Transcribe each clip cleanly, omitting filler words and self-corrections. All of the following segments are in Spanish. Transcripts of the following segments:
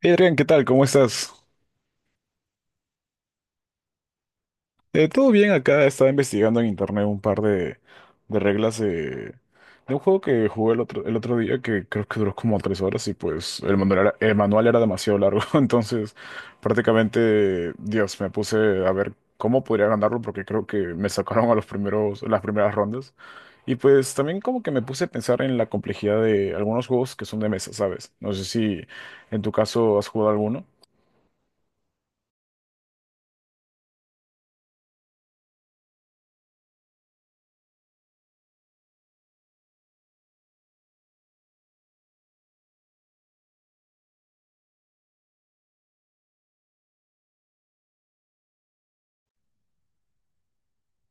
Hey Adrián, ¿qué tal? ¿Cómo estás? Todo bien acá, estaba investigando en internet un par de reglas de un juego que jugué el otro día, que creo que duró como 3 horas. Y pues el manual era demasiado largo, entonces prácticamente, Dios, me puse a ver cómo podría ganarlo, porque creo que me sacaron a las primeras rondas. Y pues también como que me puse a pensar en la complejidad de algunos juegos que son de mesa, ¿sabes? No sé si en tu caso has jugado alguno.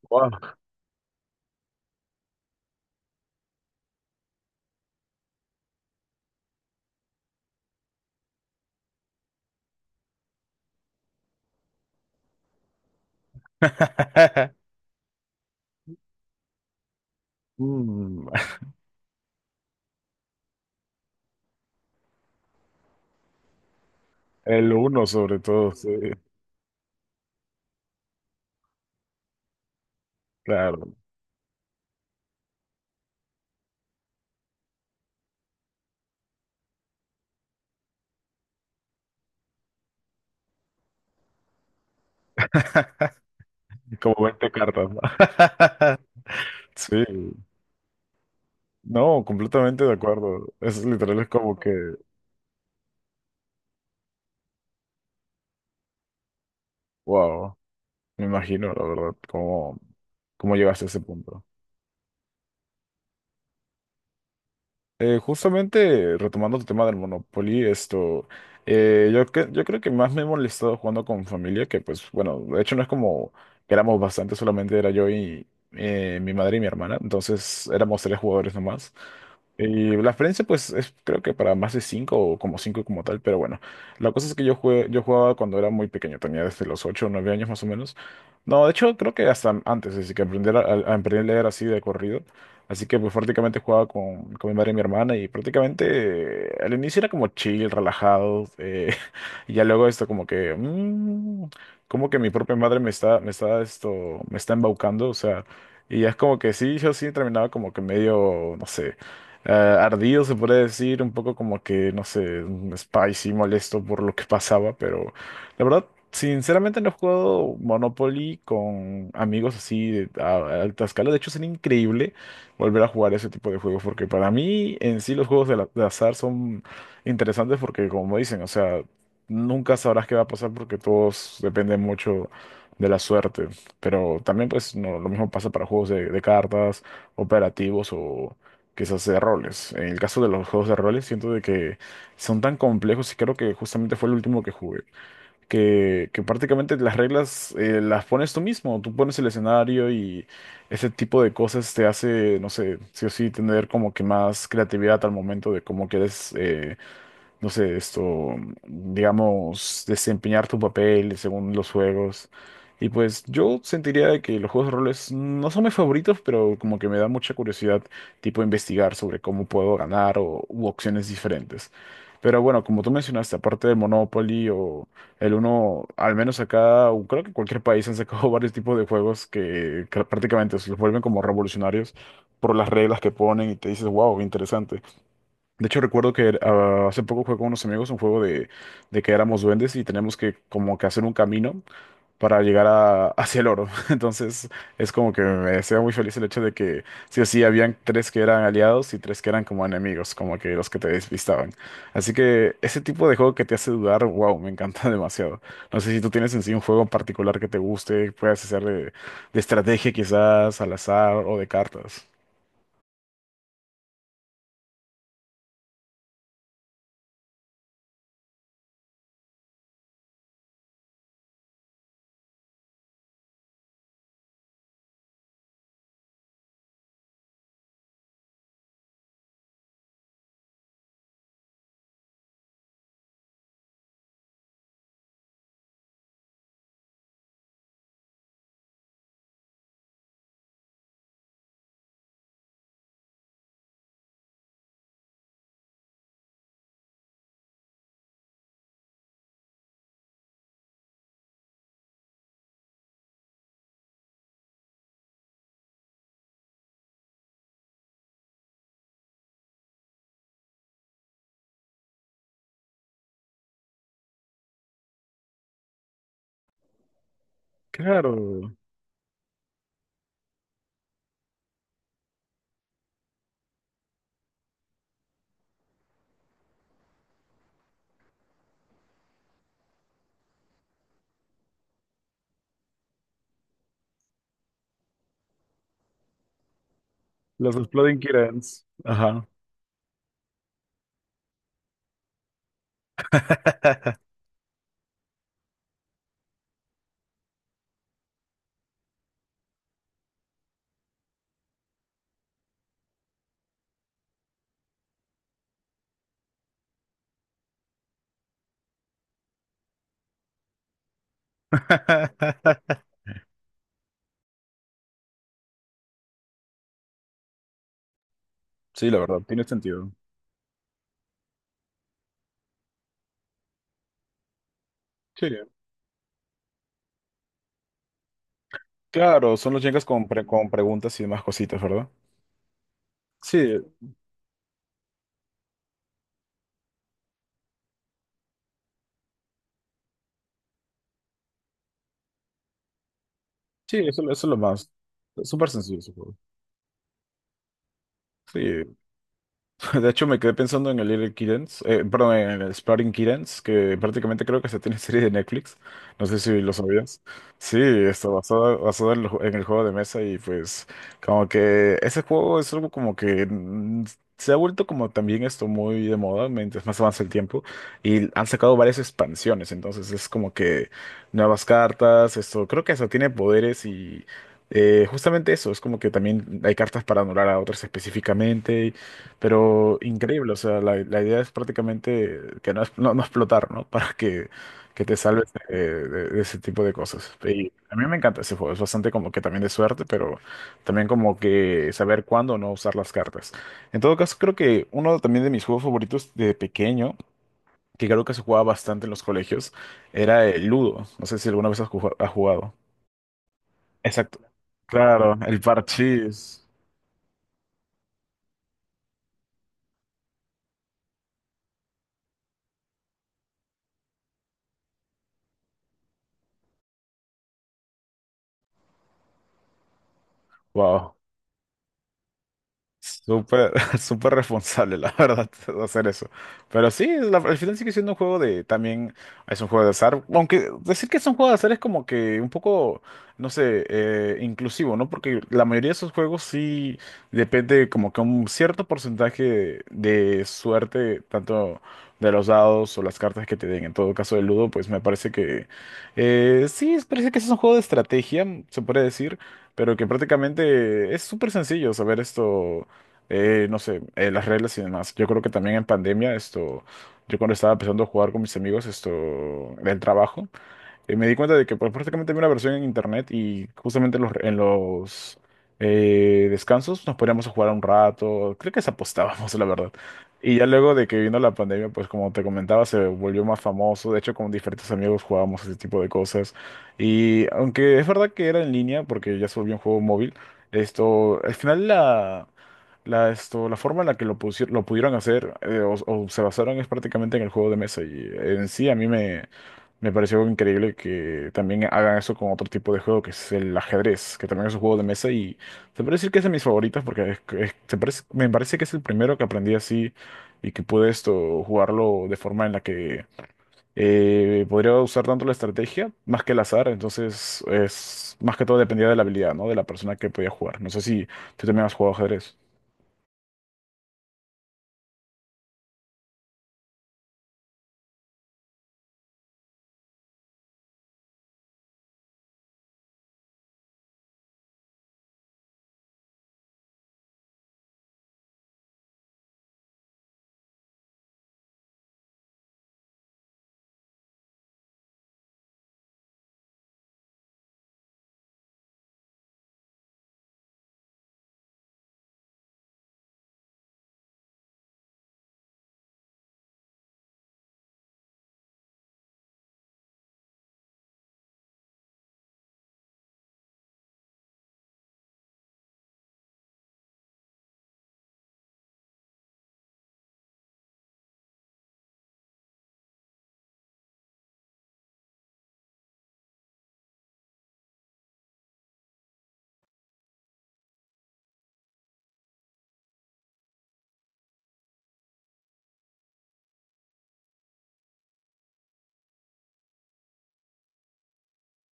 Wow. Mm. El uno sobre todo, sí, claro, como 20 cartas, ¿no? Sí, no, completamente de acuerdo. Es literal, es como que, wow, me imagino, la verdad, cómo llegaste a ese punto. Justamente retomando tu tema del Monopoly, esto, yo creo que más me he molestado jugando con familia. Que pues bueno, de hecho no es como que éramos bastante, solamente era yo y mi madre y mi hermana, entonces éramos tres jugadores nomás. Y la experiencia pues es, creo que para más de cinco o como cinco como tal, pero bueno, la cosa es que yo jugué, yo jugaba cuando era muy pequeño, tenía desde los 8 o 9 años más o menos. No, de hecho creo que hasta antes, desde que aprender a aprender a leer así de corrido. Así que pues prácticamente jugaba con mi madre y mi hermana. Y prácticamente al inicio era como chill, relajado. Y ya luego esto como que, como que mi propia madre me está embaucando, o sea. Y ya es como que sí, yo sí terminaba como que medio, no sé, ardido, se puede decir. Un poco como que, no sé, spicy, molesto por lo que pasaba, pero la verdad. Sinceramente no he jugado Monopoly con amigos así de a alta escala. De hecho, sería increíble volver a jugar ese tipo de juegos, porque para mí en sí los juegos de, de azar son interesantes porque como dicen, o sea, nunca sabrás qué va a pasar porque todos dependen mucho de la suerte. Pero también pues no, lo mismo pasa para juegos de, cartas, operativos o quizás de roles. En el caso de los juegos de roles siento de que son tan complejos y creo que justamente fue el último que jugué, que prácticamente las reglas las pones tú mismo, tú pones el escenario. Y ese tipo de cosas te hace, no sé, sí o sí tener como que más creatividad al momento de cómo quieres no sé, esto, digamos, desempeñar tu papel según los juegos. Y pues yo sentiría de que los juegos de roles no son mis favoritos, pero como que me da mucha curiosidad, tipo investigar sobre cómo puedo ganar o u opciones diferentes. Pero bueno, como tú mencionaste, aparte de Monopoly o el uno, al menos acá, o creo que en cualquier país han sacado varios tipos de juegos que prácticamente se los vuelven como revolucionarios por las reglas que ponen y te dices, wow, interesante. De hecho, recuerdo que hace poco jugué con unos amigos un juego de que éramos duendes y tenemos que como que hacer un camino para llegar hacia el oro. Entonces, es como que me hacía muy feliz el hecho de que sí o sí habían tres que eran aliados y tres que eran como enemigos, como que los que te despistaban. Así que ese tipo de juego que te hace dudar, wow, me encanta demasiado. No sé si tú tienes en sí un juego en particular que te guste, puedas hacer de, estrategia quizás, al azar o de cartas. Claro, los Exploding Kittens. Ajá. Sí, la verdad, tiene sentido. Sí, claro, son los Jengas con, pre- con preguntas y demás cositas, ¿verdad? Sí, sí, eso es lo más. Es súper sencillo ese juego. Sí, de hecho, me quedé pensando en el Little Kittens, perdón, en el Exploding Kittens, que prácticamente creo que se tiene serie de Netflix. No sé si lo sabías. Sí, está basado en el en el juego de mesa. Y pues como que ese juego es algo como que, mm, se ha vuelto como también esto muy de moda mientras más avanza el tiempo y han sacado varias expansiones, entonces es como que nuevas cartas, esto creo que hasta tiene poderes. Y... Justamente eso, es como que también hay cartas para anular a otras específicamente, pero increíble, o sea, la idea es prácticamente que no, no, no explotar, ¿no? Para que te salves de, de ese tipo de cosas. Y a mí me encanta ese juego, es bastante como que también de suerte, pero también como que saber cuándo no usar las cartas. En todo caso, creo que uno también de mis juegos favoritos de pequeño, que creo que se jugaba bastante en los colegios, era el Ludo. No sé si alguna vez has jugado. Exacto. Claro, el parchís. Wow. Súper. Súper responsable, la verdad, hacer eso. Pero sí, al final sigue siendo un juego de, también es un juego de azar. Aunque decir que es un juego de azar es como que un poco, no sé, inclusivo, ¿no? Porque la mayoría de esos juegos sí depende como que un cierto porcentaje de suerte, tanto de los dados o las cartas que te den. En todo caso, el Ludo, pues me parece que sí, parece que es un juego de estrategia, se puede decir. Pero que prácticamente es súper sencillo saber esto, no sé, las reglas y demás. Yo creo que también en pandemia, esto, yo cuando estaba empezando a jugar con mis amigos, esto, del trabajo, me di cuenta de que pues, prácticamente vi una versión en internet y justamente en los descansos nos poníamos a jugar un rato, creo que se apostábamos, la verdad. Y ya luego de que vino la pandemia, pues como te comentaba, se volvió más famoso, de hecho con diferentes amigos jugábamos ese tipo de cosas. Y aunque es verdad que era en línea, porque ya se volvió un juego móvil, esto, al final la, La, esto, la forma en la que lo pudieron hacer o se basaron es prácticamente en el juego de mesa. Y en sí a mí me pareció increíble que también hagan eso con otro tipo de juego, que es el ajedrez, que también es un juego de mesa. Y se puede decir que es de mis favoritos porque me parece que es el primero que aprendí así y que pude esto jugarlo de forma en la que podría usar tanto la estrategia más que el azar, entonces es más que todo dependía de la habilidad, ¿no? De la persona que podía jugar. No sé si tú también has jugado ajedrez.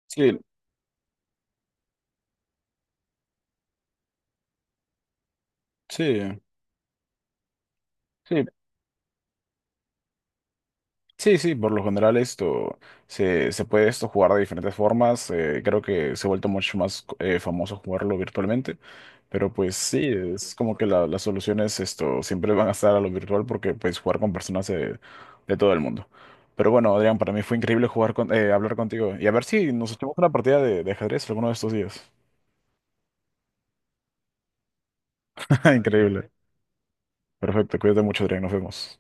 Sí, sí, sí. Sí, sí, por lo general esto se puede esto jugar de diferentes formas. Creo que se ha vuelto mucho más famoso jugarlo virtualmente. Pero pues sí, es como que las soluciones esto siempre van a estar a lo virtual porque puedes jugar con personas de todo el mundo. Pero bueno, Adrián, para mí fue increíble jugar hablar contigo. Y a ver si nos echamos una partida de, ajedrez alguno de estos días. Increíble. Perfecto, cuídate mucho, Adrián, nos vemos.